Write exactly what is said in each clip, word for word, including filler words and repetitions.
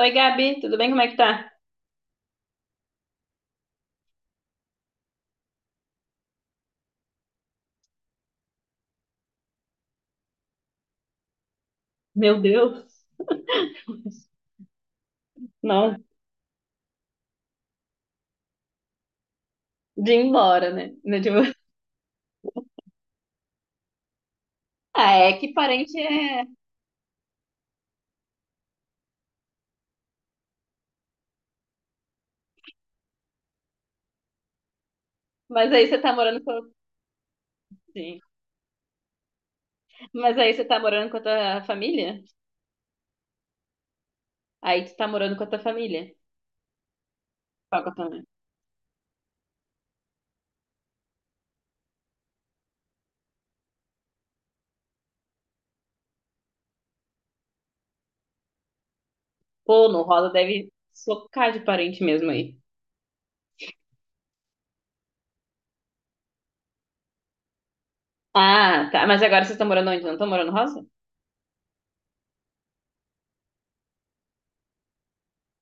Oi, Gabi, tudo bem? Como é que tá? Meu Deus, não, de ir embora, né? Né, tipo, Ah, é que parente é. Mas aí você tá morando com. Sim. Mas aí você tá morando com a tua família? Aí tu tá morando com a tua família. Qual com a tua família? Pô, no Rosa deve socar de parente mesmo aí. Ah, tá. Mas agora vocês estão morando onde? Não estão morando no Rosa?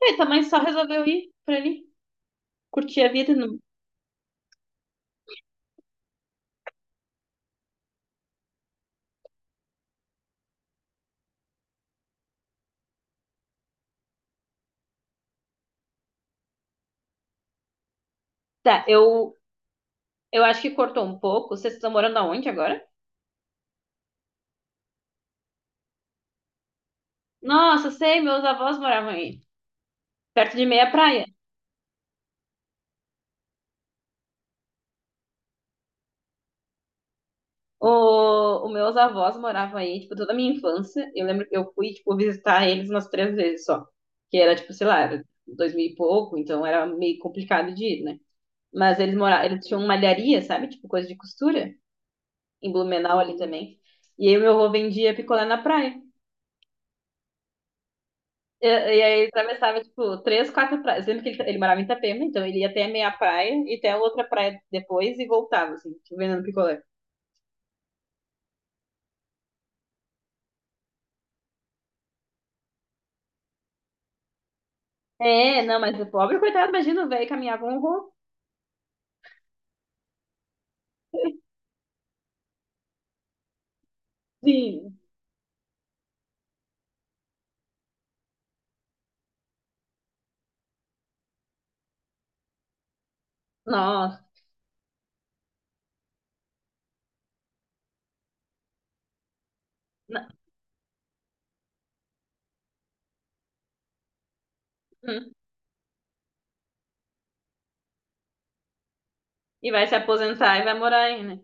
É, tua mãe só resolveu ir pra ali, curtir a vida. Não. Tá, eu, eu acho que cortou um pouco. Vocês estão morando aonde agora? Nossa, sei, meus avós moravam aí, perto de meia praia. O, os meus avós moravam aí, tipo, toda a minha infância. Eu lembro que eu fui, tipo, visitar eles umas três vezes só. Que era, tipo, sei lá, era dois mil e pouco, então era meio complicado de ir, né? Mas eles moravam, eles tinham malharia, sabe? Tipo, coisa de costura, em Blumenau ali também. E aí o meu avô vendia picolé na praia. E, e aí ele atravessava, tipo, três, quatro praias. Lembro que ele, ele morava em Itapema, então ele ia até a meia praia e até a outra praia depois e voltava, assim, tipo, vendendo picolé. É, não, mas o pobre, coitado, imagina, o velho caminhava um horror. Sim. Nossa. Na- hum. E vai se aposentar e vai morar aí, né?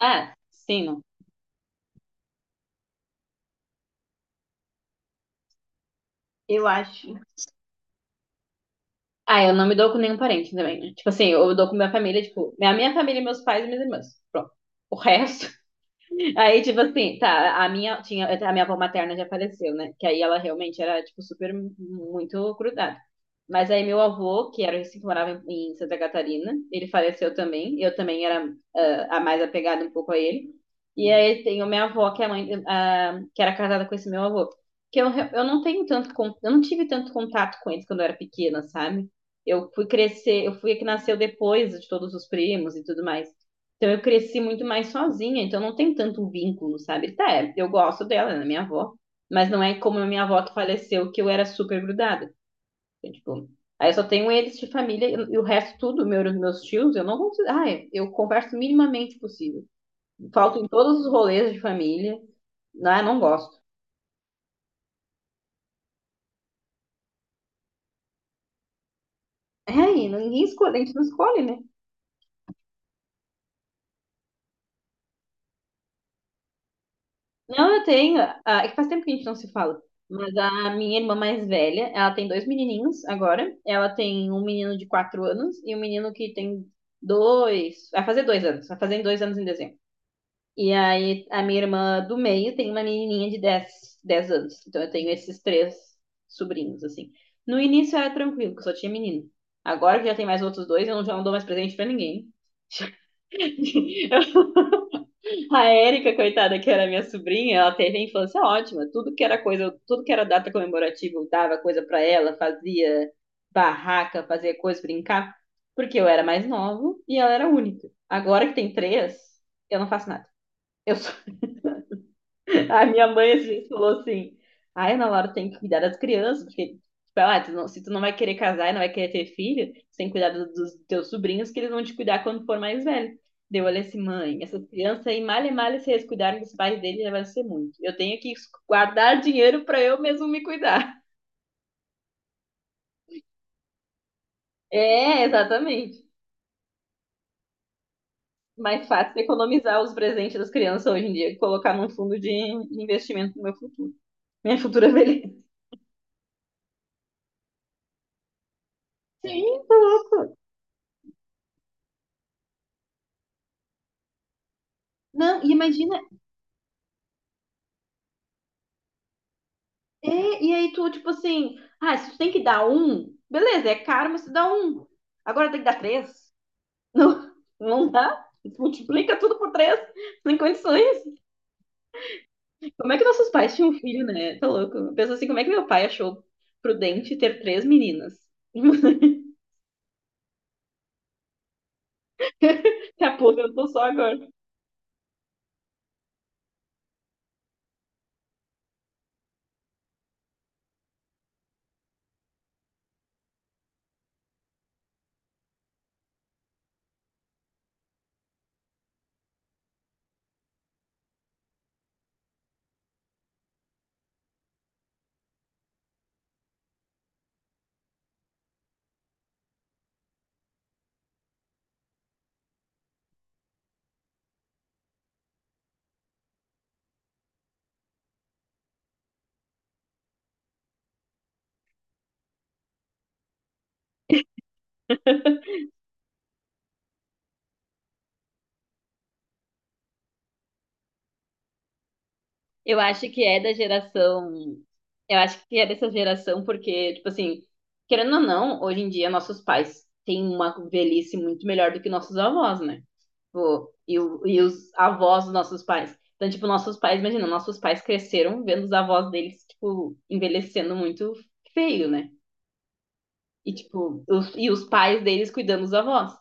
Ah, sim, não. Eu acho. Ah, eu não me dou com nenhum parente também, né? Tipo assim, eu dou com minha família, tipo, a minha família, meus pais e minhas irmãs. Pronto. O resto. Aí, tipo assim, tá, a minha, tinha, a minha avó materna já faleceu, né? Que aí ela realmente era, tipo, super, muito grudada. Mas aí meu avô, que era assim, que morava em em Santa Catarina, ele faleceu também. Eu também era ah, a mais apegada um pouco a ele. E aí tem minha avó, que é a mãe, ah, que era casada com esse meu avô. Que eu, re- eu não tenho tanto, con- eu não tive tanto contato com eles quando eu era pequena, sabe? Eu fui crescer, eu fui a que nasceu depois de todos os primos e tudo mais. Então eu cresci muito mais sozinha, então não tem tanto vínculo, sabe? Tá, é, eu gosto dela, ela é minha avó, mas não é como a minha avó que faleceu, que eu era super grudada. Então, tipo, aí eu só tenho eles de família e o resto tudo, meu, meus tios, eu não consigo. Ah, é, eu converso minimamente possível. Falto em todos os rolês de família. Ah, não gosto. É, e ninguém escolhe, a gente não escolhe, né? Não, eu tenho. ah, é que faz tempo que a gente não se fala. Mas a minha irmã mais velha, ela tem dois menininhos agora. Ela tem um menino de quatro anos e um menino que tem dois. Vai fazer dois anos. Vai fazer dois anos em dezembro. E aí a minha irmã do meio tem uma menininha de dez, dez anos. Então eu tenho esses três sobrinhos, assim. No início era tranquilo, que eu só tinha menino. Agora que já tem mais outros dois, eu não, já não dou mais presente pra ninguém. A Érica, coitada, que era minha sobrinha, ela teve a infância ótima. Tudo que era coisa, tudo que era data comemorativa, eu dava coisa pra ela, fazia barraca, fazia coisa, brincar, porque eu era mais nova e ela era única. Agora que tem três, eu não faço nada. Eu só a minha mãe assim, falou assim: Ai, Ana Laura tem que cuidar das crianças, porque, tipo, ela, "Ah, tu não- se tu não vai querer casar e não vai querer ter filho, tu tem que cuidar do- dos teus sobrinhos, que eles vão te cuidar quando for mais velho. Daí eu olhei assim, mãe, essas crianças aí, mal e mal, se eles cuidarem dos pais deles, já vai ser muito. Eu tenho que guardar dinheiro pra eu mesmo me cuidar. É, exatamente. Mais fácil economizar os presentes das crianças hoje em dia e colocar num fundo de investimento no meu futuro. Minha futura velhice. Sim. Não, e imagina, É, e aí tu, tipo assim, ah, se tu tem que dar um, beleza, é caro, mas tu dá um. Agora tem que dar três. Não, não dá. Multiplica tudo por três, sem condições. Como é que nossos pais tinham um filho, né? Tá louco. Pensa assim, como é que meu pai achou prudente ter três meninas? Se aposentou só agora. Eu acho que é da geração. Eu acho que é dessa geração, porque, tipo assim, querendo ou não, hoje em dia nossos pais têm uma velhice muito melhor do que nossos avós, né? Tipo, e, o- e os avós dos nossos pais. Então, tipo, nossos pais, imagina, nossos pais cresceram vendo os avós deles, tipo, envelhecendo muito feio, né? E, tipo, os, e os pais deles cuidando dos avós.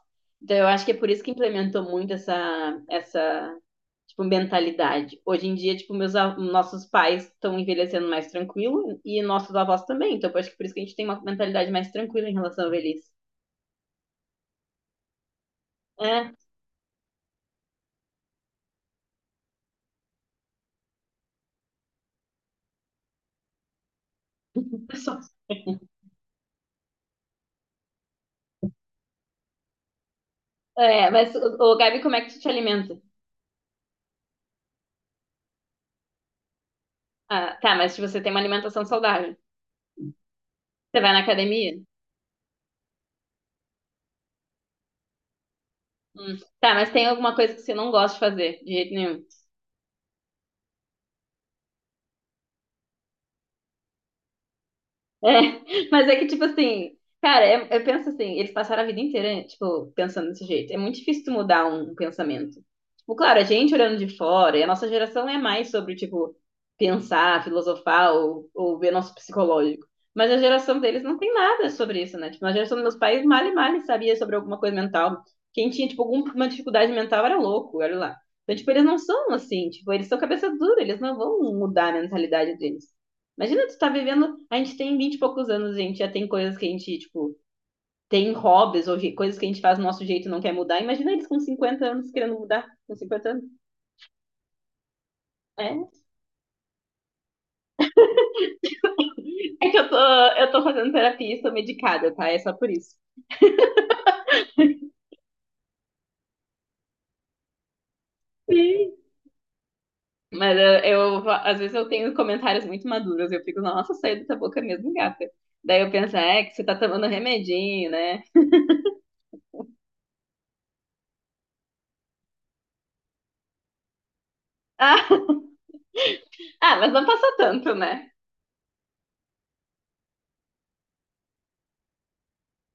Então, eu acho que é por isso que implementou muito essa, essa, tipo, mentalidade. Hoje em dia, tipo, meus, a- nossos pais estão envelhecendo mais tranquilo e nossos avós também. Então, eu acho que por isso que a gente tem uma mentalidade mais tranquila em relação à velhice. É, pessoal. É, mas, ô, ô, Gabi, como é que tu te alimenta? Ah, tá, mas se você tem uma alimentação saudável, você vai na academia? Hum. Tá, mas tem alguma coisa que você não gosta de fazer, de jeito nenhum? É, mas é que, tipo assim, cara, é- eu penso assim, eles passaram a vida inteira, tipo, pensando desse jeito. É muito difícil tu mudar um pensamento. Tipo, claro, a gente olhando de fora, e a nossa geração é mais sobre, tipo, pensar, filosofar ou, ou ver nosso psicológico. Mas a geração deles não tem nada sobre isso, né? Tipo, na geração dos meus pais, mal e mal sabia sobre alguma coisa mental. Quem tinha, tipo, alguma dificuldade mental era louco, olha lá. Então, tipo, eles não são assim, tipo, eles são cabeça dura, eles não vão mudar a mentalidade deles. Imagina tu tá vivendo. A gente tem vinte e poucos anos, a gente já tem coisas que a gente, tipo, tem hobbies ou je- coisas que a gente faz do nosso jeito e não quer mudar. Imagina eles com cinquenta anos querendo mudar. Com cinquenta anos. É. É que eu tô, eu tô fazendo terapia e estou medicada, tá? É só por isso. Sim. Mas eh, eu, às vezes eu tenho comentários muito maduros, eu fico, nossa, saiu da tua boca mesmo, gata. Daí eu penso, é que você tá tomando remedinho, né? Ah, ah, mas não passou tanto, né?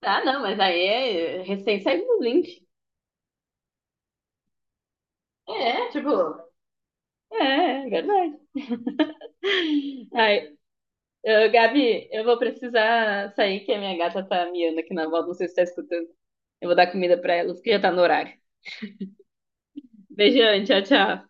Ah, não, mas aí é recém saiu dos vinte. É, tipo, É, é verdade. Ai, ô, Gabi, eu vou precisar sair, que a minha gata tá miando aqui na volta, não sei se você tá escutando. Eu vou dar comida pra ela, porque já tá no horário. Beijão, tchau, tchau.